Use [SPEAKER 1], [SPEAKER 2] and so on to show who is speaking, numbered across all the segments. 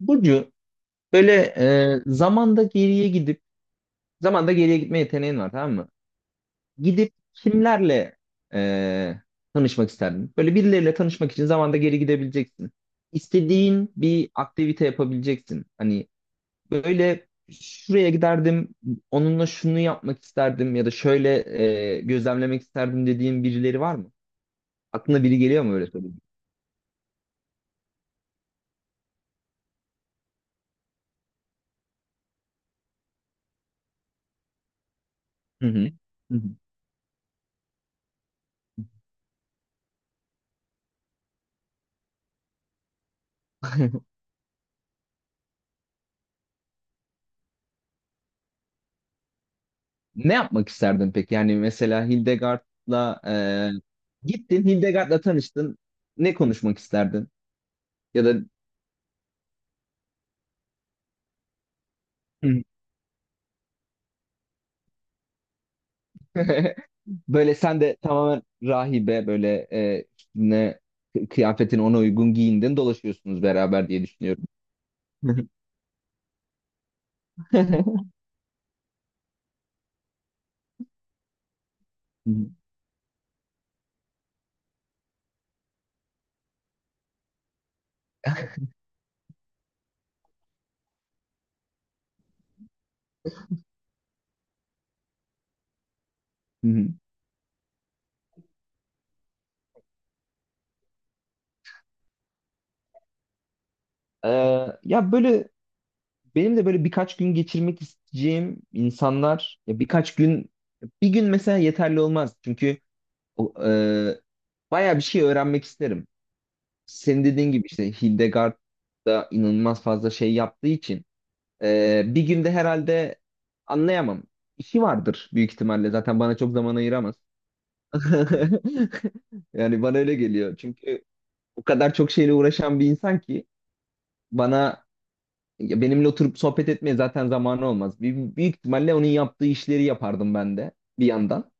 [SPEAKER 1] Burcu, böyle zamanda geriye gitme yeteneğin var, tamam mı? Gidip kimlerle e, tanışmak isterdin? Böyle birileriyle tanışmak için zamanda geri gidebileceksin. İstediğin bir aktivite yapabileceksin. Hani böyle şuraya giderdim, onunla şunu yapmak isterdim ya da şöyle gözlemlemek isterdim dediğin birileri var mı? Aklına biri geliyor mu, öyle söyleyeyim? Hı hı. Hı hı. Ne yapmak isterdin peki? Yani mesela Hildegard'la gittin, Hildegard'la tanıştın. Ne konuşmak isterdin? Ya da böyle sen de tamamen rahibe böyle, ne kıyafetin ona uygun giyindin, dolaşıyorsunuz beraber diye düşünüyorum. Hı hı. Ee, ya böyle benim de böyle birkaç gün geçirmek isteyeceğim insanlar, ya birkaç gün, bir gün mesela yeterli olmaz çünkü o, e, bayağı bir şey öğrenmek isterim. Senin dediğin gibi işte Hildegard da inanılmaz fazla şey yaptığı için bir günde herhalde anlayamam. İşi vardır büyük ihtimalle. Zaten bana çok zaman ayıramaz. Yani bana öyle geliyor. Çünkü o kadar çok şeyle uğraşan bir insan ki, bana, ya benimle oturup sohbet etmeye zaten zamanı olmaz. Büyük ihtimalle onun yaptığı işleri yapardım ben de bir yandan.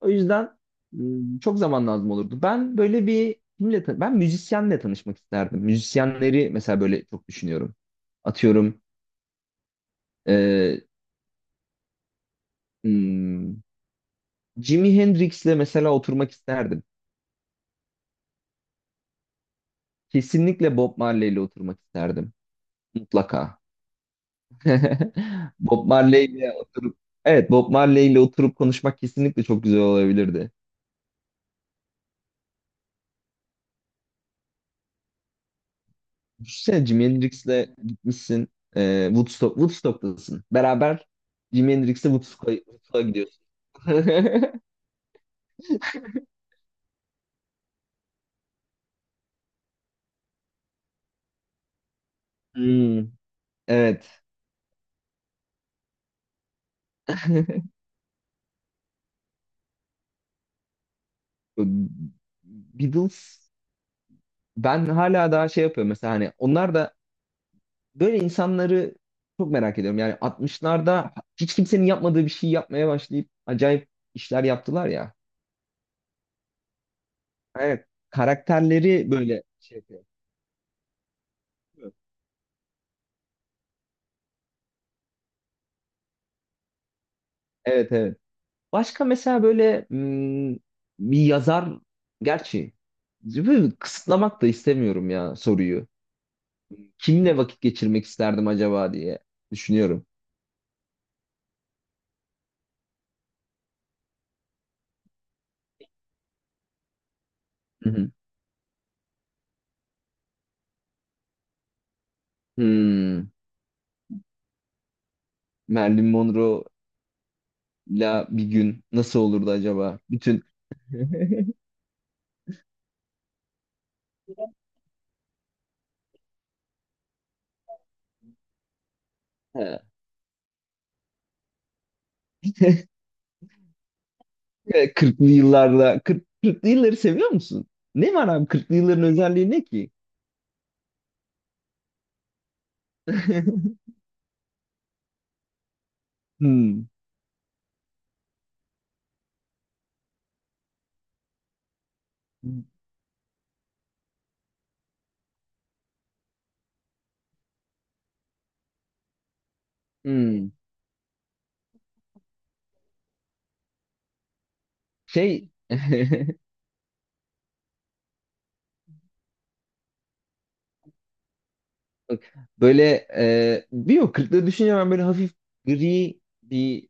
[SPEAKER 1] O yüzden çok zaman lazım olurdu. Ben böyle bir kimle tan- ben müzisyenle tanışmak isterdim. Müzisyenleri mesela böyle çok düşünüyorum. Atıyorum e, m, Jimi Hendrix'le mesela oturmak isterdim. Kesinlikle Bob Marley'le oturmak isterdim. Mutlaka. Bob Marley'le oturup evet Bob Marley'le oturup konuşmak kesinlikle çok güzel olabilirdi. Düşünsene, Jimi Hendrix'le gitmişsin, Woodstock'tasın. Beraber Jimi Hendrix'le Woodstock'a gidiyorsun. Hmm, evet. Beatles, ben hala daha şey yapıyorum mesela, hani onlar da böyle insanları çok merak ediyorum. Yani 60'larda hiç kimsenin yapmadığı bir şey yapmaya başlayıp acayip işler yaptılar ya. Evet. Karakterleri böyle şey yapıyor. Evet, evet. Başka mesela böyle, bir yazar, gerçi böyle kısıtlamak da istemiyorum ya soruyu. Kimle vakit geçirmek isterdim acaba diye düşünüyorum. Hı hı. Hmm. Marilyn Monroe'la bir gün nasıl olurdu acaba? Bütün he, 40'lı yıllarda, 40, 40'lı yılları seviyor musun? Ne var abi, 40'lı yılların özelliği ne ki? Hmm. Hmm. Şey, bak, böyle bir o 40'lı düşünce, ben böyle hafif gri bir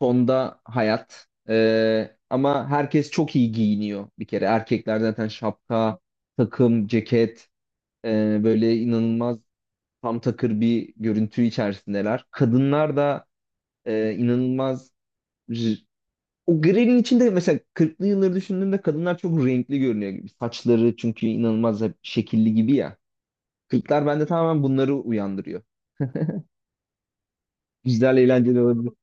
[SPEAKER 1] tonda hayat, ama herkes çok iyi giyiniyor bir kere, erkekler zaten şapka, takım ceket, böyle inanılmaz tam takır bir görüntü içerisindeler. Kadınlar da inanılmaz, r- o grelin içinde, mesela kırklı yılları düşündüğümde kadınlar çok renkli görünüyor gibi. Saçları çünkü inanılmaz hep şekilli gibi ya. Kırklar bende tamamen bunları uyandırıyor. Güzel, eğlenceli olabilir.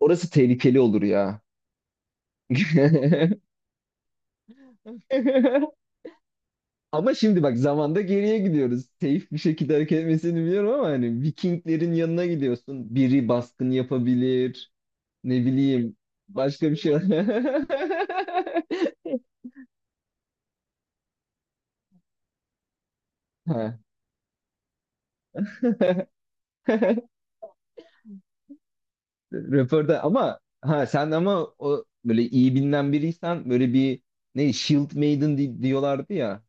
[SPEAKER 1] Orası tehlikeli olur ya. Ama şimdi bak, zamanda geriye gidiyoruz. Safe bir şekilde hareket etmesini biliyorum ama hani Vikinglerin yanına gidiyorsun. Biri baskın yapabilir. Ne bileyim. Başka bir şey. Ha. Röportaj, ama ha sen, ama o böyle iyi bilinen biriysen, böyle bir ne Shield Maiden diyorlardı ya.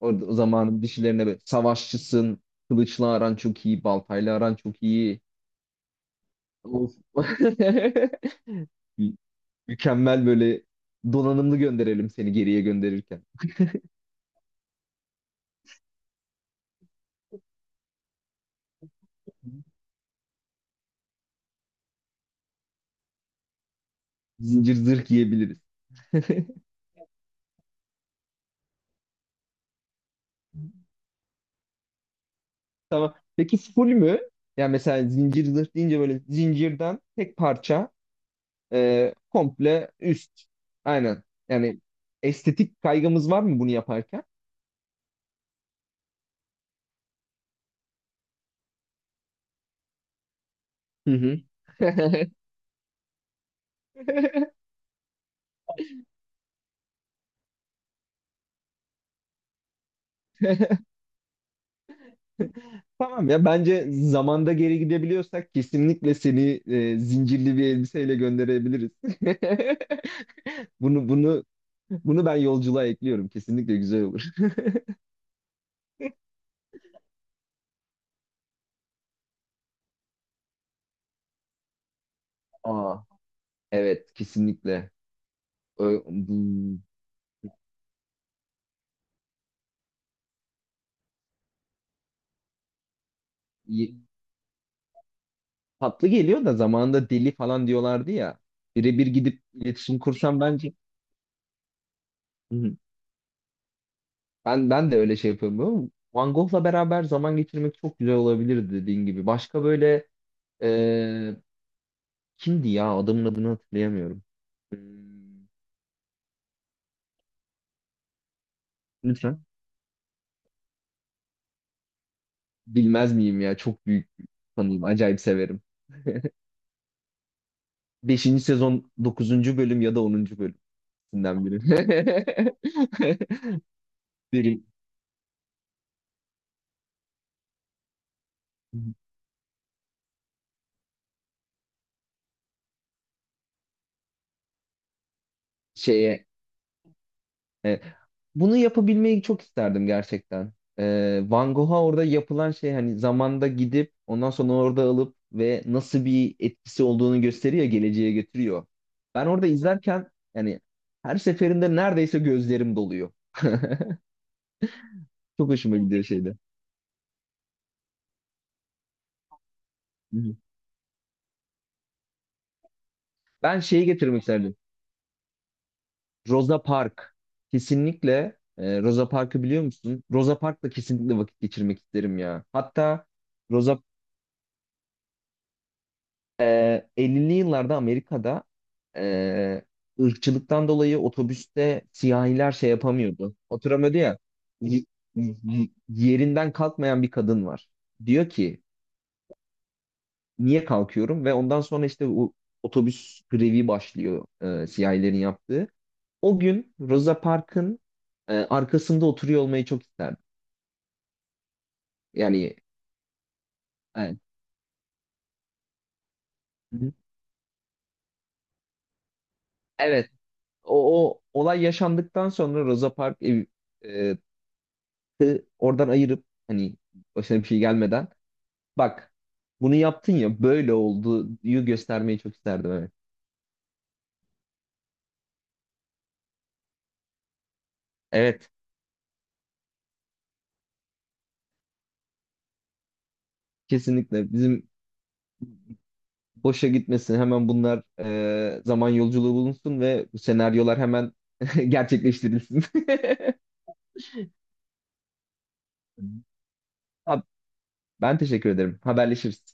[SPEAKER 1] Orada o zamanın dişilerine böyle, savaşçısın, kılıçla aran çok iyi, baltayla aran çok iyi. Of. Mü- Mükemmel, böyle donanımlı gönderelim seni geriye gönderirken. Zincir zırh giyebiliriz. Tamam. Peki, full mü? Yani mesela zincir zırh deyince böyle zincirden tek parça, komple üst. Aynen. Yani estetik kaygımız var mı bunu yaparken? Hı hı. Tamam ya, bence zamanda geri gidebiliyorsak kesinlikle seni zincirli bir elbiseyle gönderebiliriz. Bunu bunu bunu ben yolculuğa ekliyorum. Kesinlikle güzel olur. Aa, evet, kesinlikle. Ö- bu- tatlı geliyor da zamanında deli falan diyorlardı ya. Birebir gidip iletişim kursam bence. Hı hı. Ben de öyle şey yapıyorum, ama Van Gogh'la beraber zaman geçirmek çok güzel olabilirdi dediğin gibi. Başka böyle e, kimdi ya? Adamın adını hatırlayamıyorum. Hmm, Lütfen. Bilmez miyim ya? Çok büyük fanıyım. Acayip severim. Beşinci sezon dokuzuncu bölüm ya da 10. bölümünden biri. Derin şeye. Evet. Bunu yapabilmeyi çok isterdim gerçekten. Van Gogh'a orada yapılan şey, hani zamanda gidip ondan sonra orada alıp ve nasıl bir etkisi olduğunu gösteriyor, geleceğe götürüyor. Ben orada izlerken, yani her seferinde neredeyse gözlerim doluyor. Çok hoşuma gidiyor şeyde. Hı hı. Ben şeyi getirmek isterdim. Rosa Park. Kesinlikle, Rosa Park'ı biliyor musun? Rosa Park'la kesinlikle vakit geçirmek isterim ya. Hatta Rosa. 50'li yıllarda Amerika'da e, ırkçılıktan dolayı otobüste siyahiler şey yapamıyordu. Oturamıyordu ya. Y- yerinden kalkmayan bir kadın var. Diyor ki, niye kalkıyorum? Ve ondan sonra işte o otobüs grevi başlıyor, siyahilerin yaptığı. O gün Rosa Parks'ın arkasında oturuyor olmayı çok isterdim. Yani, evet. Hı hı. Evet. O olay yaşandıktan sonra Rosa Parks e, oradan ayırıp, hani başına bir şey gelmeden, bak bunu yaptın ya, böyle oldu diye göstermeyi çok isterdim, evet. Evet, kesinlikle bizim boşa gitmesin hemen bunlar, zaman yolculuğu bulunsun ve bu senaryolar hemen gerçekleştirilsin. Abi, ben teşekkür ederim. Haberleşiriz.